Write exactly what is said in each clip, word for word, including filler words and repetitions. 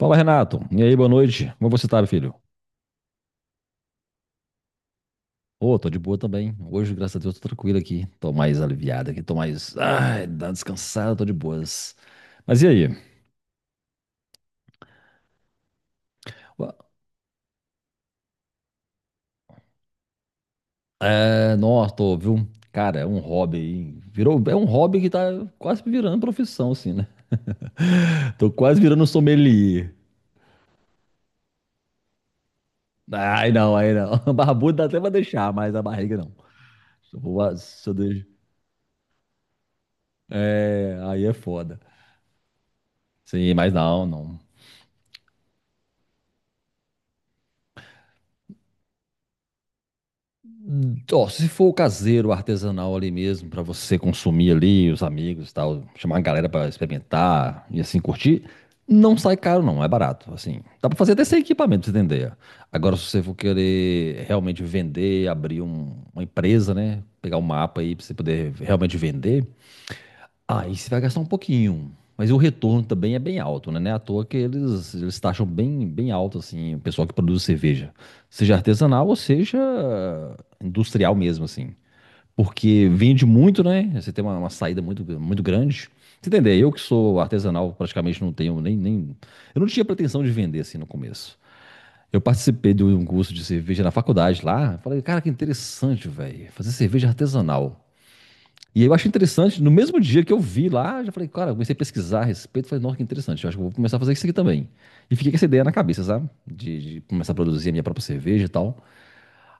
Fala, Renato. E aí, boa noite. Como você tá, meu filho? Ô, tô de boa também. Hoje, graças a Deus, tô tranquilo aqui. Tô mais aliviado aqui, tô mais. Ai, dá uma descansada, tô de boas. Mas e aí? Ué, é, nossa, tô, viu? Cara, é um hobby aí. Virou, é um hobby que tá quase virando profissão, assim, né? Tô quase virando sommelier. Ai, não, aí não. Barbudo dá até pra deixar, mas a barriga não. Se eu, vou- se eu deixo- É, aí é foda. Sim, mas não, não. Hum, Ó, se for o caseiro, o artesanal ali mesmo, pra você consumir ali, os amigos e tal, chamar a galera pra experimentar e assim curtir, não sai caro não, é barato, assim. Dá pra fazer até sem equipamento, pra você entender. Agora, se você for querer realmente vender, abrir um- uma empresa, né, pegar um mapa aí pra você poder realmente vender, aí você vai gastar um pouquinho, mas o retorno também é bem alto, né? Não é à toa que eles, eles taxam bem, bem alto, assim, o pessoal que produz cerveja. Seja artesanal ou seja industrial mesmo, assim. Porque vende muito, né? Você tem uma, uma saída muito, muito grande. Você entender, eu que sou artesanal, praticamente não tenho nem, nem... Eu não tinha pretensão de vender, assim, no começo. Eu participei de um curso de cerveja na faculdade lá. Falei, cara, que interessante, velho. Fazer cerveja artesanal. E eu acho interessante, no mesmo dia que eu vi lá, já falei, cara, eu comecei a pesquisar a respeito, falei, nossa, que interessante, eu acho que eu vou começar a fazer isso aqui também. E fiquei com essa ideia na cabeça, sabe? De, de começar a produzir a minha própria cerveja e tal.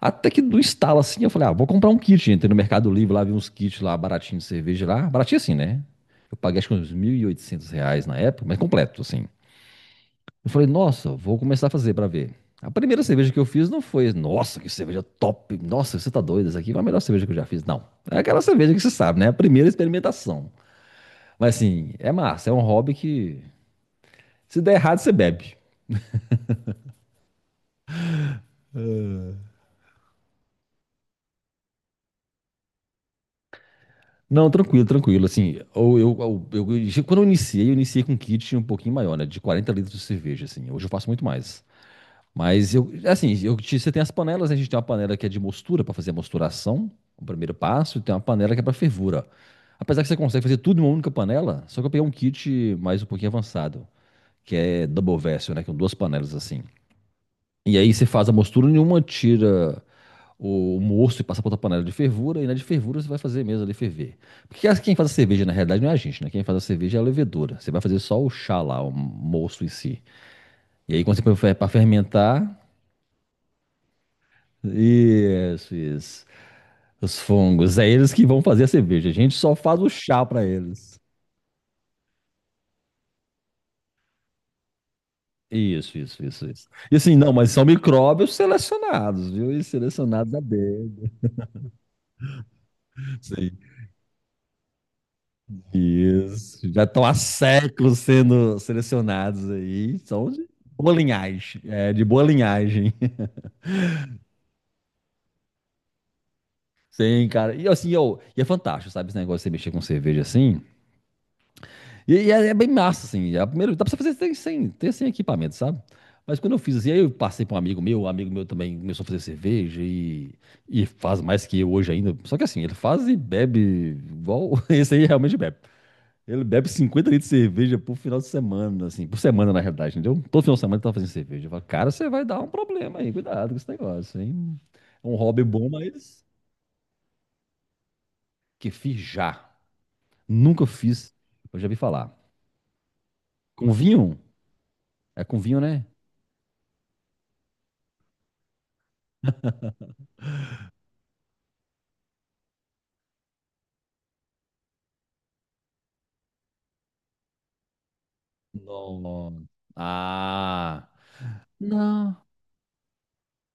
Até que do estalo assim, eu falei, ah, vou comprar um kit. Entrei no Mercado Livre lá, vi uns kits lá, baratinho de cerveja lá. Baratinho assim, né? Eu paguei acho que uns mil e oitocentos reais na época, mas completo, assim. Eu falei, nossa, vou começar a fazer pra ver. A primeira cerveja que eu fiz não foi, nossa, que cerveja top, nossa, você tá doido, essa aqui foi a melhor cerveja que eu já fiz. Não, é aquela cerveja que você sabe, né? A primeira experimentação. Mas assim, é massa, é um hobby que se der errado você bebe. Não, tranquilo, tranquilo. Assim, ou eu, eu, eu- quando eu iniciei, eu iniciei com um kit um pouquinho maior, né? De quarenta litros de cerveja, assim. Hoje eu faço muito mais. Mas eu, assim, eu, te- você tem as panelas, né? A gente tem uma panela que é de mostura para fazer a mosturação, o primeiro passo, e tem uma panela que é para fervura. Apesar que você consegue fazer tudo em uma única panela, só que eu peguei um kit mais um pouquinho avançado, que é double vessel, né? Que são duas panelas assim. E aí você faz a mostura, nenhuma tira o moço e passar para outra panela de fervura, e na de fervura você vai fazer mesmo ali ferver. Porque as- quem faz a cerveja, na realidade, não é a gente, né? Quem faz a cerveja é a levedura. Você vai fazer só o chá lá, o moço em si. E aí, quando você põe para fermentar, isso, isso. Os fungos, é eles que vão fazer a cerveja. A gente só faz o chá para eles. Isso, isso, isso, isso. E assim, não, mas são micróbios selecionados, viu? E selecionados a dedo. Isso. Já estão há séculos sendo selecionados aí. São de boa linhagem. É, de boa linhagem. Sim, cara. E assim, eu, e é fantástico, sabe? Esse negócio de você mexer com cerveja assim. E, e é, é bem massa, assim. É a primeira, dá pra você fazer sem, sem, ter sem equipamento, sabe? Mas quando eu fiz assim, aí eu passei para um amigo meu, um amigo meu também começou a fazer cerveja e, e faz mais que eu hoje ainda. Só que assim, ele faz e bebe igual esse aí realmente bebe. Ele bebe cinquenta litros de cerveja por final de semana, assim, por semana na realidade, entendeu? Todo final de semana ele tá fazendo cerveja. Eu falo, cara, você vai dar um problema aí, cuidado com esse negócio, hein? É um hobby bom, mas que fiz já. Nunca fiz, eu já vi falar. Com vinho? É com vinho, né? Não. Não. Ah, não.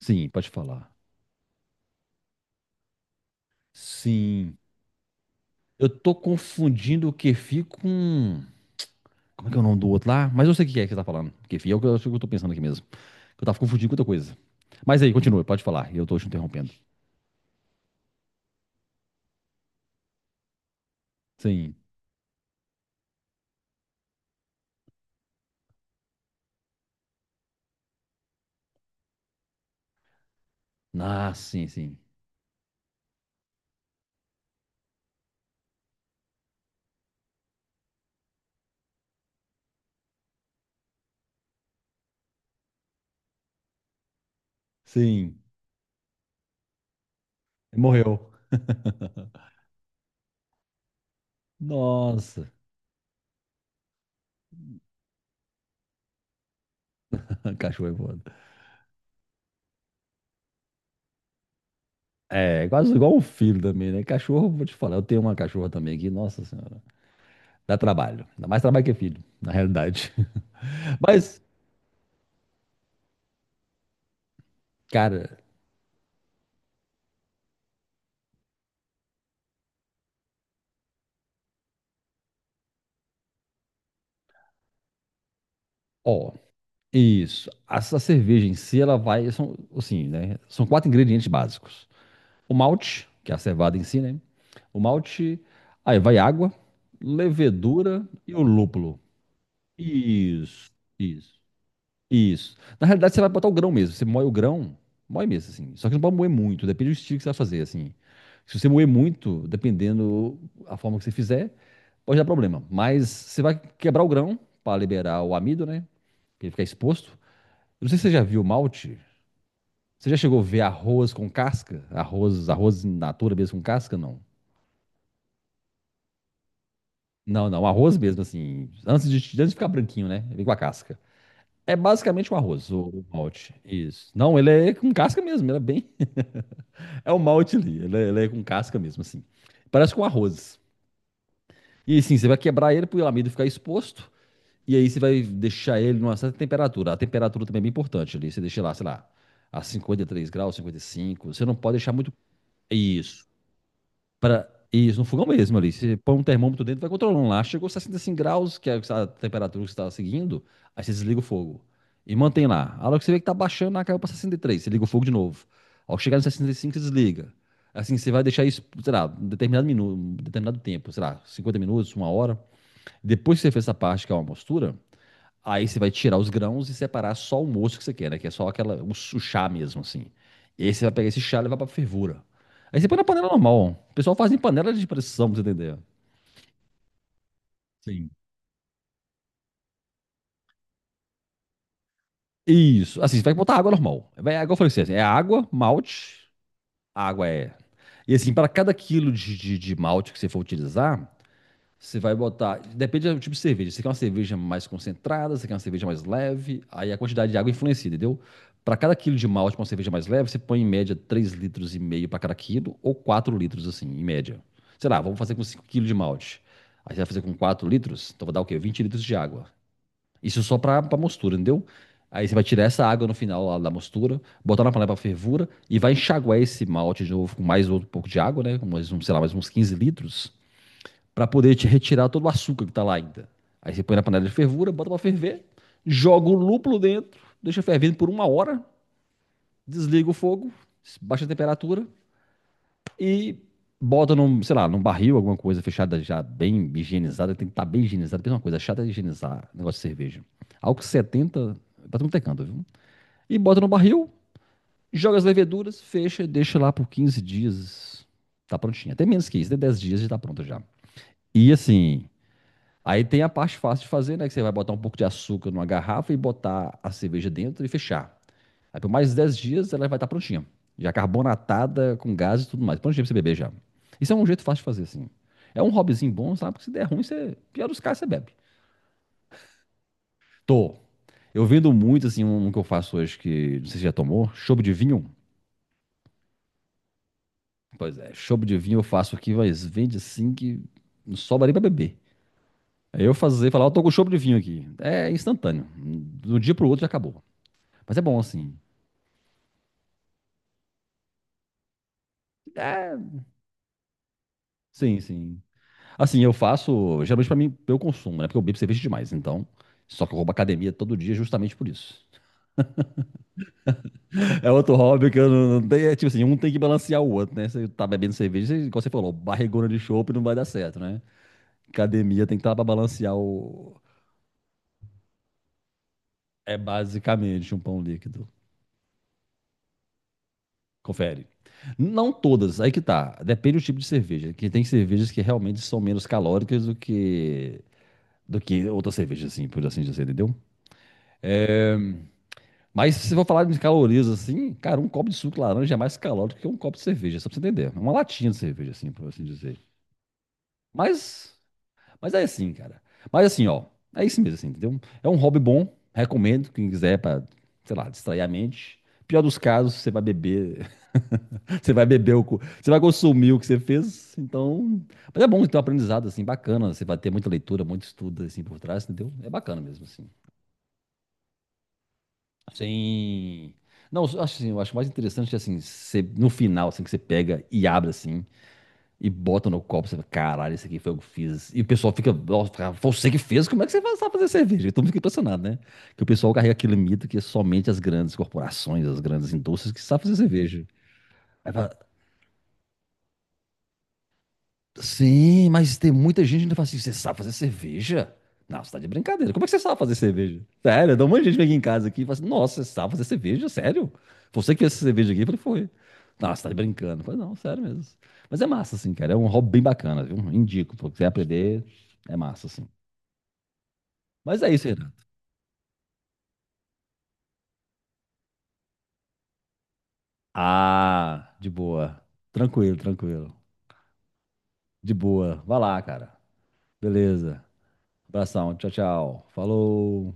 Sim, pode falar. Sim. Eu tô confundindo o kefir com... Como é que é o nome do outro lá? Mas eu sei o que é que você tá falando. Kefir é o que eu, acho que eu tô pensando aqui mesmo. Eu tava confundindo com outra coisa. Mas aí, continua, pode falar. Eu tô te interrompendo. Sim. Ah, sim, sim. Sim. Morreu. Nossa, cachorro é foda. É, quase igual um filho também, né? Cachorro, vou te falar, eu tenho uma cachorra também aqui, nossa senhora. Dá trabalho. Dá mais trabalho que é filho, na realidade. Mas, cara, ó, isso. Essa cerveja em si, ela vai. São, assim, né? São quatro ingredientes básicos. O malte, que é a cevada em si, né? O malte, aí vai água, levedura e o lúpulo. Isso, isso, isso. Na realidade, você vai botar o grão mesmo. Você moe o grão, moe mesmo, assim. Só que não pode moer muito, depende do estilo que você vai fazer, assim. Se você moer muito, dependendo a forma que você fizer, pode dar problema. Mas você vai quebrar o grão para liberar o amido, né? Pra ele ficar exposto. Eu não sei se você já viu o malte. Você já chegou a ver arroz com casca? Arroz, arroz in natura mesmo com casca? Não. Não, não, arroz mesmo, assim. Antes de, antes de ficar branquinho, né? Ele com a casca. É basicamente um arroz, o, o malte. Isso. Não, ele é com casca mesmo, ele é bem. É o malte ali, ele é, ele é com casca mesmo, assim. Parece com arroz. E assim, você vai quebrar ele pro amido ficar exposto. E aí você vai deixar ele numa certa temperatura. A temperatura também é bem importante ali. Você deixa lá, sei lá, a cinquenta e três graus, cinquenta e cinco. Você não pode deixar muito. Isso. Para isso, no fogão mesmo ali. Você põe um termômetro dentro, vai controlando lá. Chegou sessenta e cinco graus, que é a temperatura que você está seguindo, aí você desliga o fogo. E mantém lá. A hora que você vê que tá baixando, lá caiu para sessenta e três, você liga o fogo de novo. Ao chegar no sessenta e cinco, você desliga. Assim, você vai deixar isso, sei lá, um determinado minuto, um determinado tempo, sei lá, cinquenta minutos, uma hora. Depois que você fez essa parte, que é uma mostura, aí você vai tirar os grãos e separar só o moço que você quer, né? Que é só aquela, o, su- chá mesmo, assim. E aí você vai pegar esse chá e levar pra fervura. Aí você põe na panela normal. O pessoal faz em panela de pressão, pra você entender. Sim. Isso. Assim, você vai botar água normal. Vai, água eu falei você, assim, é água, malte, água é. E assim, para cada quilo de, de, de malte que você for utilizar, você vai botar. Depende do tipo de cerveja. Você quer uma cerveja mais concentrada, você quer uma cerveja mais leve. Aí a quantidade de água influencia, entendeu? Para cada quilo de malte, para uma cerveja mais leve, você põe em média três litros e meio para cada quilo, ou quatro litros, assim, em média. Sei lá, vamos fazer com cinco quilos de malte. Aí você vai fazer com quatro litros, então vai dar o quê? Vinte litros de água. Isso só para para mostura, entendeu? Aí você vai tirar essa água no final lá da mostura, botar na panela para fervura e vai enxaguar esse malte de novo com mais outro pouco de água, né? Com mais, um, sei lá, mais uns quinze litros para poder te retirar todo o açúcar que está lá ainda. Aí você põe na panela de fervura, bota para ferver, joga o lúpulo dentro, deixa fervendo por uma hora, desliga o fogo, baixa a temperatura e bota num, sei lá, num barril, alguma coisa fechada já bem higienizada, tem que estar tá bem higienizada, porque é uma coisa chata é higienizar negócio de cerveja. Álcool setenta, pra tudo tecando, viu? E bota no barril, joga as leveduras, fecha, deixa lá por quinze dias, tá prontinha. Até menos que isso, até dez dias já tá pronta já. E assim, aí tem a parte fácil de fazer, né? Que você vai botar um pouco de açúcar numa garrafa e botar a cerveja dentro e fechar. Aí por mais dez dias ela vai estar prontinha. Já carbonatada, com gás e tudo mais. Prontinha pra você beber já. Isso é um jeito fácil de fazer, assim. É um hobbyzinho bom, sabe? Porque se der ruim, você... pior dos casos, você bebe. Tô. Eu vendo muito, assim, um um que eu faço hoje que não sei se já tomou. Chopp de vinho. Pois é, chopp de vinho eu faço aqui, mas vende assim que não sobra nem pra beber. Aí eu fazer, falar, eu tô com chopp de vinho aqui. É instantâneo. Do dia pro outro já acabou. Mas é bom, assim. É, sim, sim. Assim, eu faço, geralmente pra mim, pra eu consumo, né? Porque eu bebo cerveja demais, então. Só que eu vou pra academia todo dia justamente por isso. É outro hobby que eu não, não tenho. É tipo assim, um tem que balancear o outro, né? Você tá bebendo cerveja, você, igual você falou, barrigona de chopp não vai dar certo, né? Academia tem que estar pra balancear o. É basicamente um pão líquido. Confere. Não todas, aí que tá. Depende do tipo de cerveja. Que tem cervejas que realmente são menos calóricas do que. Do que outras cervejas, assim, por assim dizer, entendeu? É, mas se for falar de calorias assim, cara, um copo de suco de laranja é mais calórico que um copo de cerveja, só pra você entender. É uma latinha de cerveja, assim, por assim dizer. Mas, mas é assim, cara. Mas assim, ó, é isso mesmo, assim, entendeu? É um hobby bom, recomendo, quem quiser pra, sei lá, distrair a mente. Pior dos casos, você vai beber, você vai beber o, co- você vai consumir o que você fez, então... Mas é bom ter um aprendizado, assim, bacana, você vai ter muita leitura, muito estudo, assim, por trás, entendeu? É bacana mesmo, assim. Sim. Não, eu acho assim, eu acho mais interessante assim, você, no final, assim, que você pega e abre assim, e bota no copo, você fala, caralho, isso aqui foi eu que eu fiz. E o pessoal fica, nossa, cara, foi você que fez, como é que você faz- sabe fazer cerveja? E todo mundo fica impressionado, né? Que o pessoal carrega aquele mito que é somente as grandes corporações, as grandes indústrias que sabem fazer cerveja. Sim, mas tem muita gente que ainda fala assim: você sabe fazer cerveja? Não, você tá de brincadeira. Como é que você sabe fazer cerveja? Sério, dá um monte de gente que vem aqui em casa aqui e fala assim: nossa, você sabe fazer cerveja? Sério? Você que fez essa cerveja aqui? Eu falei: foi. Não, você tá de brincando. Eu falei: não, sério mesmo. Mas é massa, assim, cara. É um hobby bem bacana, viu? Indico. Se você aprender, é massa, assim. Mas é isso, Renato. Ah, de boa. Tranquilo, tranquilo. De boa. Vai lá, cara. Beleza. Abração. Tchau, tchau. Falou.